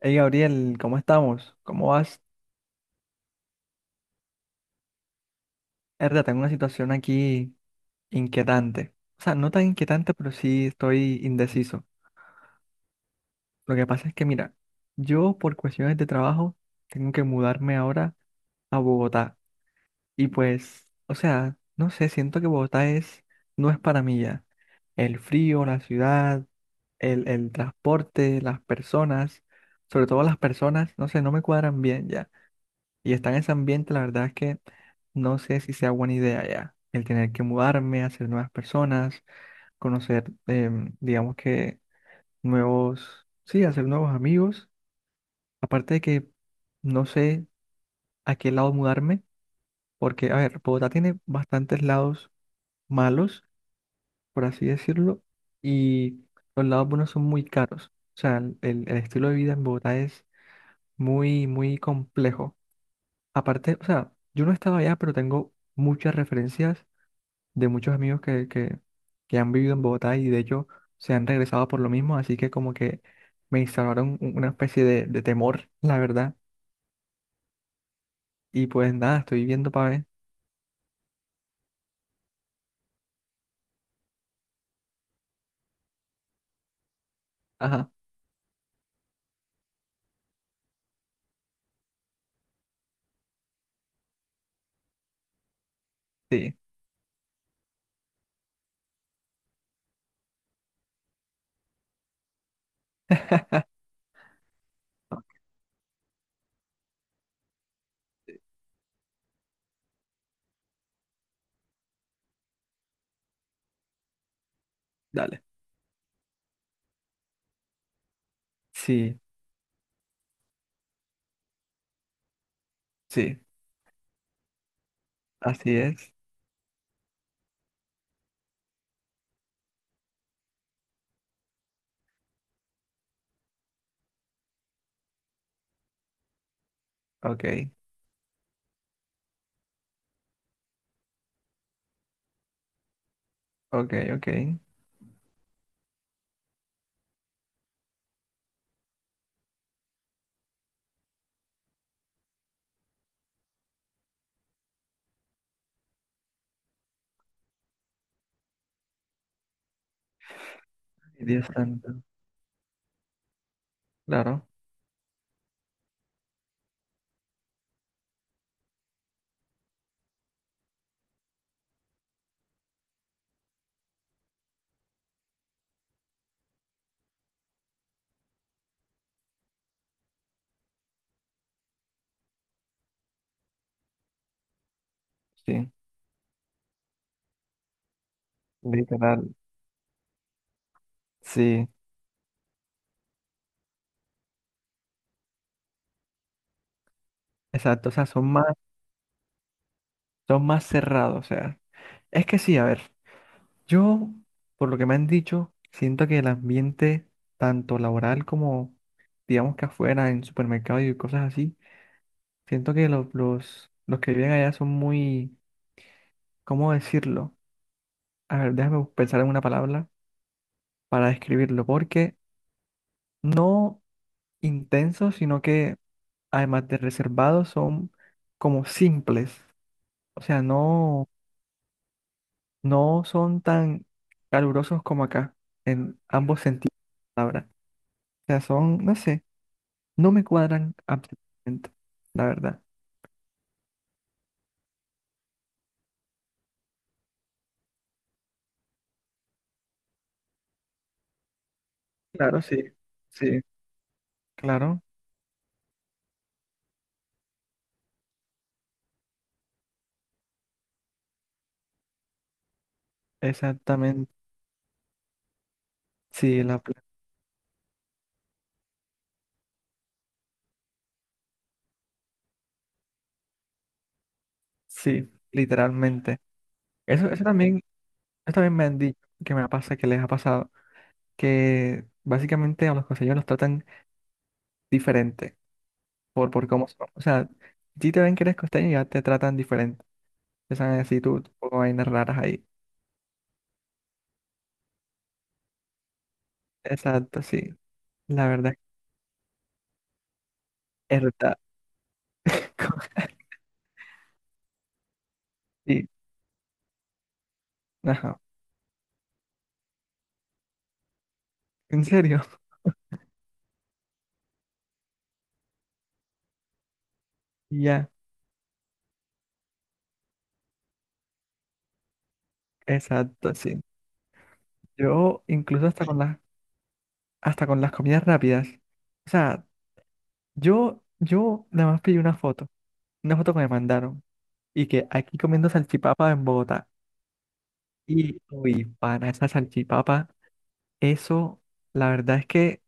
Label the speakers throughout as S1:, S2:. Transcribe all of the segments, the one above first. S1: Hey Gabriel, ¿cómo estamos? ¿Cómo vas? Erda, tengo una situación aquí inquietante. O sea, no tan inquietante, pero sí estoy indeciso. Lo que pasa es que, mira, yo por cuestiones de trabajo tengo que mudarme ahora a Bogotá. Y pues, o sea, no sé, siento que Bogotá es, no es para mí ya. El frío, la ciudad, el transporte, las personas, sobre todo las personas, no sé, no me cuadran bien ya. Y estar en ese ambiente, la verdad es que no sé si sea buena idea ya. El tener que mudarme, hacer nuevas personas, conocer, digamos que nuevos, sí, hacer nuevos amigos. Aparte de que no sé a qué lado mudarme, porque, a ver, Bogotá tiene bastantes lados malos, por así decirlo, y los lados buenos son muy caros. O sea, el estilo de vida en Bogotá es muy, muy complejo. Aparte, o sea, yo no estaba allá, pero tengo muchas referencias de muchos amigos que han vivido en Bogotá y de hecho se han regresado por lo mismo, así que como que me instauraron una especie de temor, la verdad. Y pues nada, estoy viendo para ver. Ajá, sí, ah, dale. Sí, sí, así es. Ok, ok, ok. Ay, Dios santo. Claro, sí, literal. Sí, exacto, o sea, son más cerrados, o sea. Es que sí, a ver. Yo, por lo que me han dicho, siento que el ambiente, tanto laboral como, digamos que afuera, en supermercados y cosas así, siento que los que viven allá son muy, ¿cómo decirlo? A ver, déjame pensar en una palabra para describirlo, porque no intensos, sino que además de reservados, son como simples. O sea, no, no son tan calurosos como acá, en ambos sentidos de la palabra. O sea, son, no sé. No me cuadran absolutamente, la verdad. Claro, sí, sí. Claro, exactamente. Sí, la, pla- sí, literalmente. Eso, eso también me han dicho que me pasa, que les ha pasado, que básicamente a los costeños los tratan diferente por cómo son. O sea, si te ven que eres costeño, ya te tratan diferente. Te saben decir tú, tú poco vainas raras ahí. Exacto, sí. La verdad, es verdad. Sí, ajá. En serio, ya, exacto, sí. Yo incluso hasta con las comidas rápidas. O sea, yo nada más pedí una foto que me mandaron y que aquí comiendo salchipapa en Bogotá. Y uy, pana, esa salchipapa, eso la verdad es que,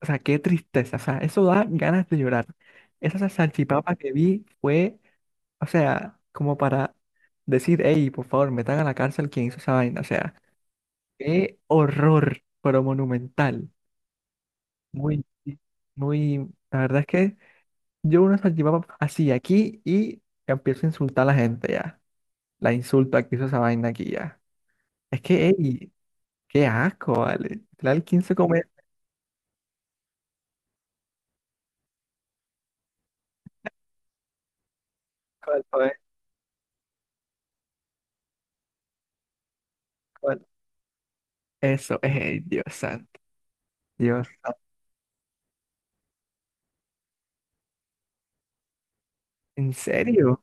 S1: o sea, qué tristeza, o sea, eso da ganas de llorar. Salchipapa que vi fue, o sea, como para decir, hey, por favor, metan a la cárcel quien hizo esa vaina, o sea, qué horror, pero monumental. Muy, muy, la verdad es que yo una salchipapa así aquí y empiezo a insultar a la gente ya. La insulta que hizo esa vaina aquí ya. Es que, ey, qué asco, vale. Literal, ¿quién se come cuál, cuál, cuál? Eso, ey, Dios santo, Dios santo. ¿En serio?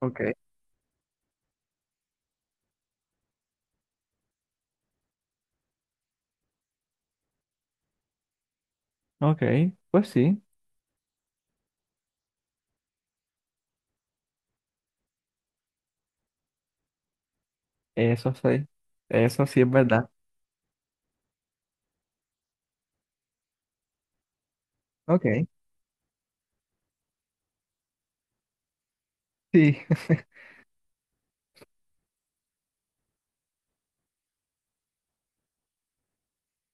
S1: Ok, ok, pues sí, eso sí, eso sí es verdad. Ok, sí,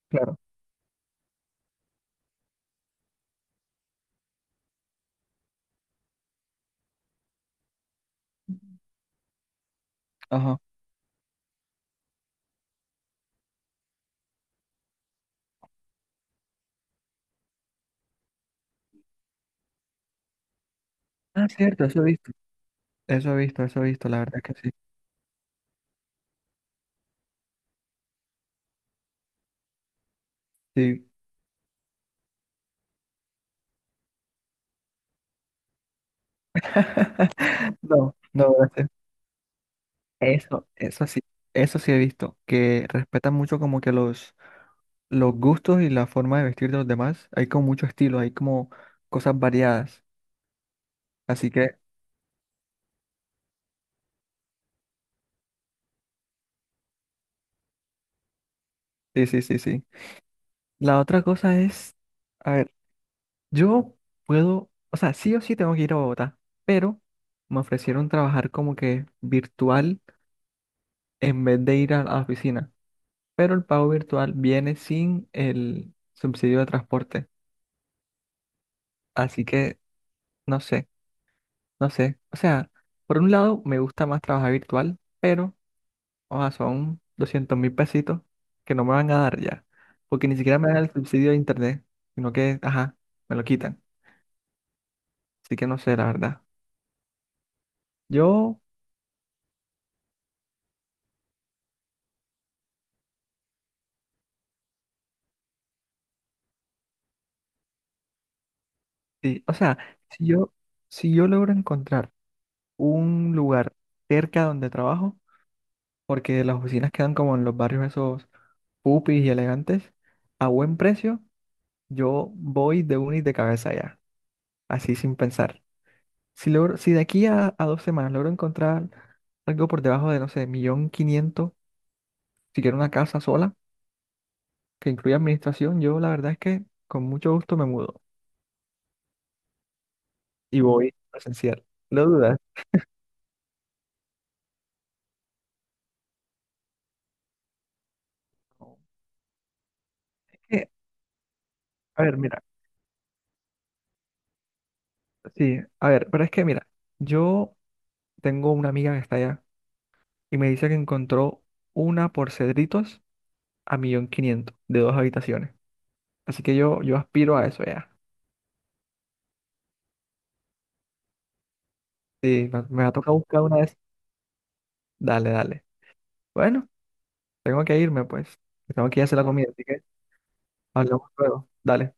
S1: claro, ajá. Ah, cierto, eso he visto, eso he visto, eso he visto, la verdad que sí, sí. No, no, eso, eso sí he visto, que respetan mucho como que los gustos y la forma de vestir de los demás. Hay como mucho estilo, hay como cosas variadas. Así que, sí, sí, sí, sí. La otra cosa es, a ver, yo puedo, o sea, sí o sí tengo que ir a Bogotá, pero me ofrecieron trabajar como que virtual en vez de ir a la oficina. Pero el pago virtual viene sin el subsidio de transporte. Así que, no sé. No sé, o sea, por un lado me gusta más trabajar virtual, pero, o sea, son 200.000 pesitos que no me van a dar ya, porque ni siquiera me dan el subsidio de internet, sino que, ajá, me lo quitan. Así que no sé, la verdad. Yo, sí, o sea, si yo, si yo logro encontrar un lugar cerca donde trabajo, porque las oficinas quedan como en los barrios esos pupis y elegantes, a buen precio, yo voy de unis de cabeza allá así sin pensar. Si logro, si de aquí a 2 semanas logro encontrar algo por debajo de, no sé, 1.500.000, si quiero una casa sola, que incluya administración, yo la verdad es que con mucho gusto me mudo y voy presencial. No dudas. Es a ver, mira, sí, a ver, pero es que mira, yo tengo una amiga que está allá y me dice que encontró una por Cedritos a 1.500.000 de 2 habitaciones. Así que yo aspiro a eso ya. Sí, me va a tocar buscar una de esas. Dale, dale. Bueno. Tengo que irme, pues. Tengo que ir a hacer la comida, así que hablamos luego. Dale.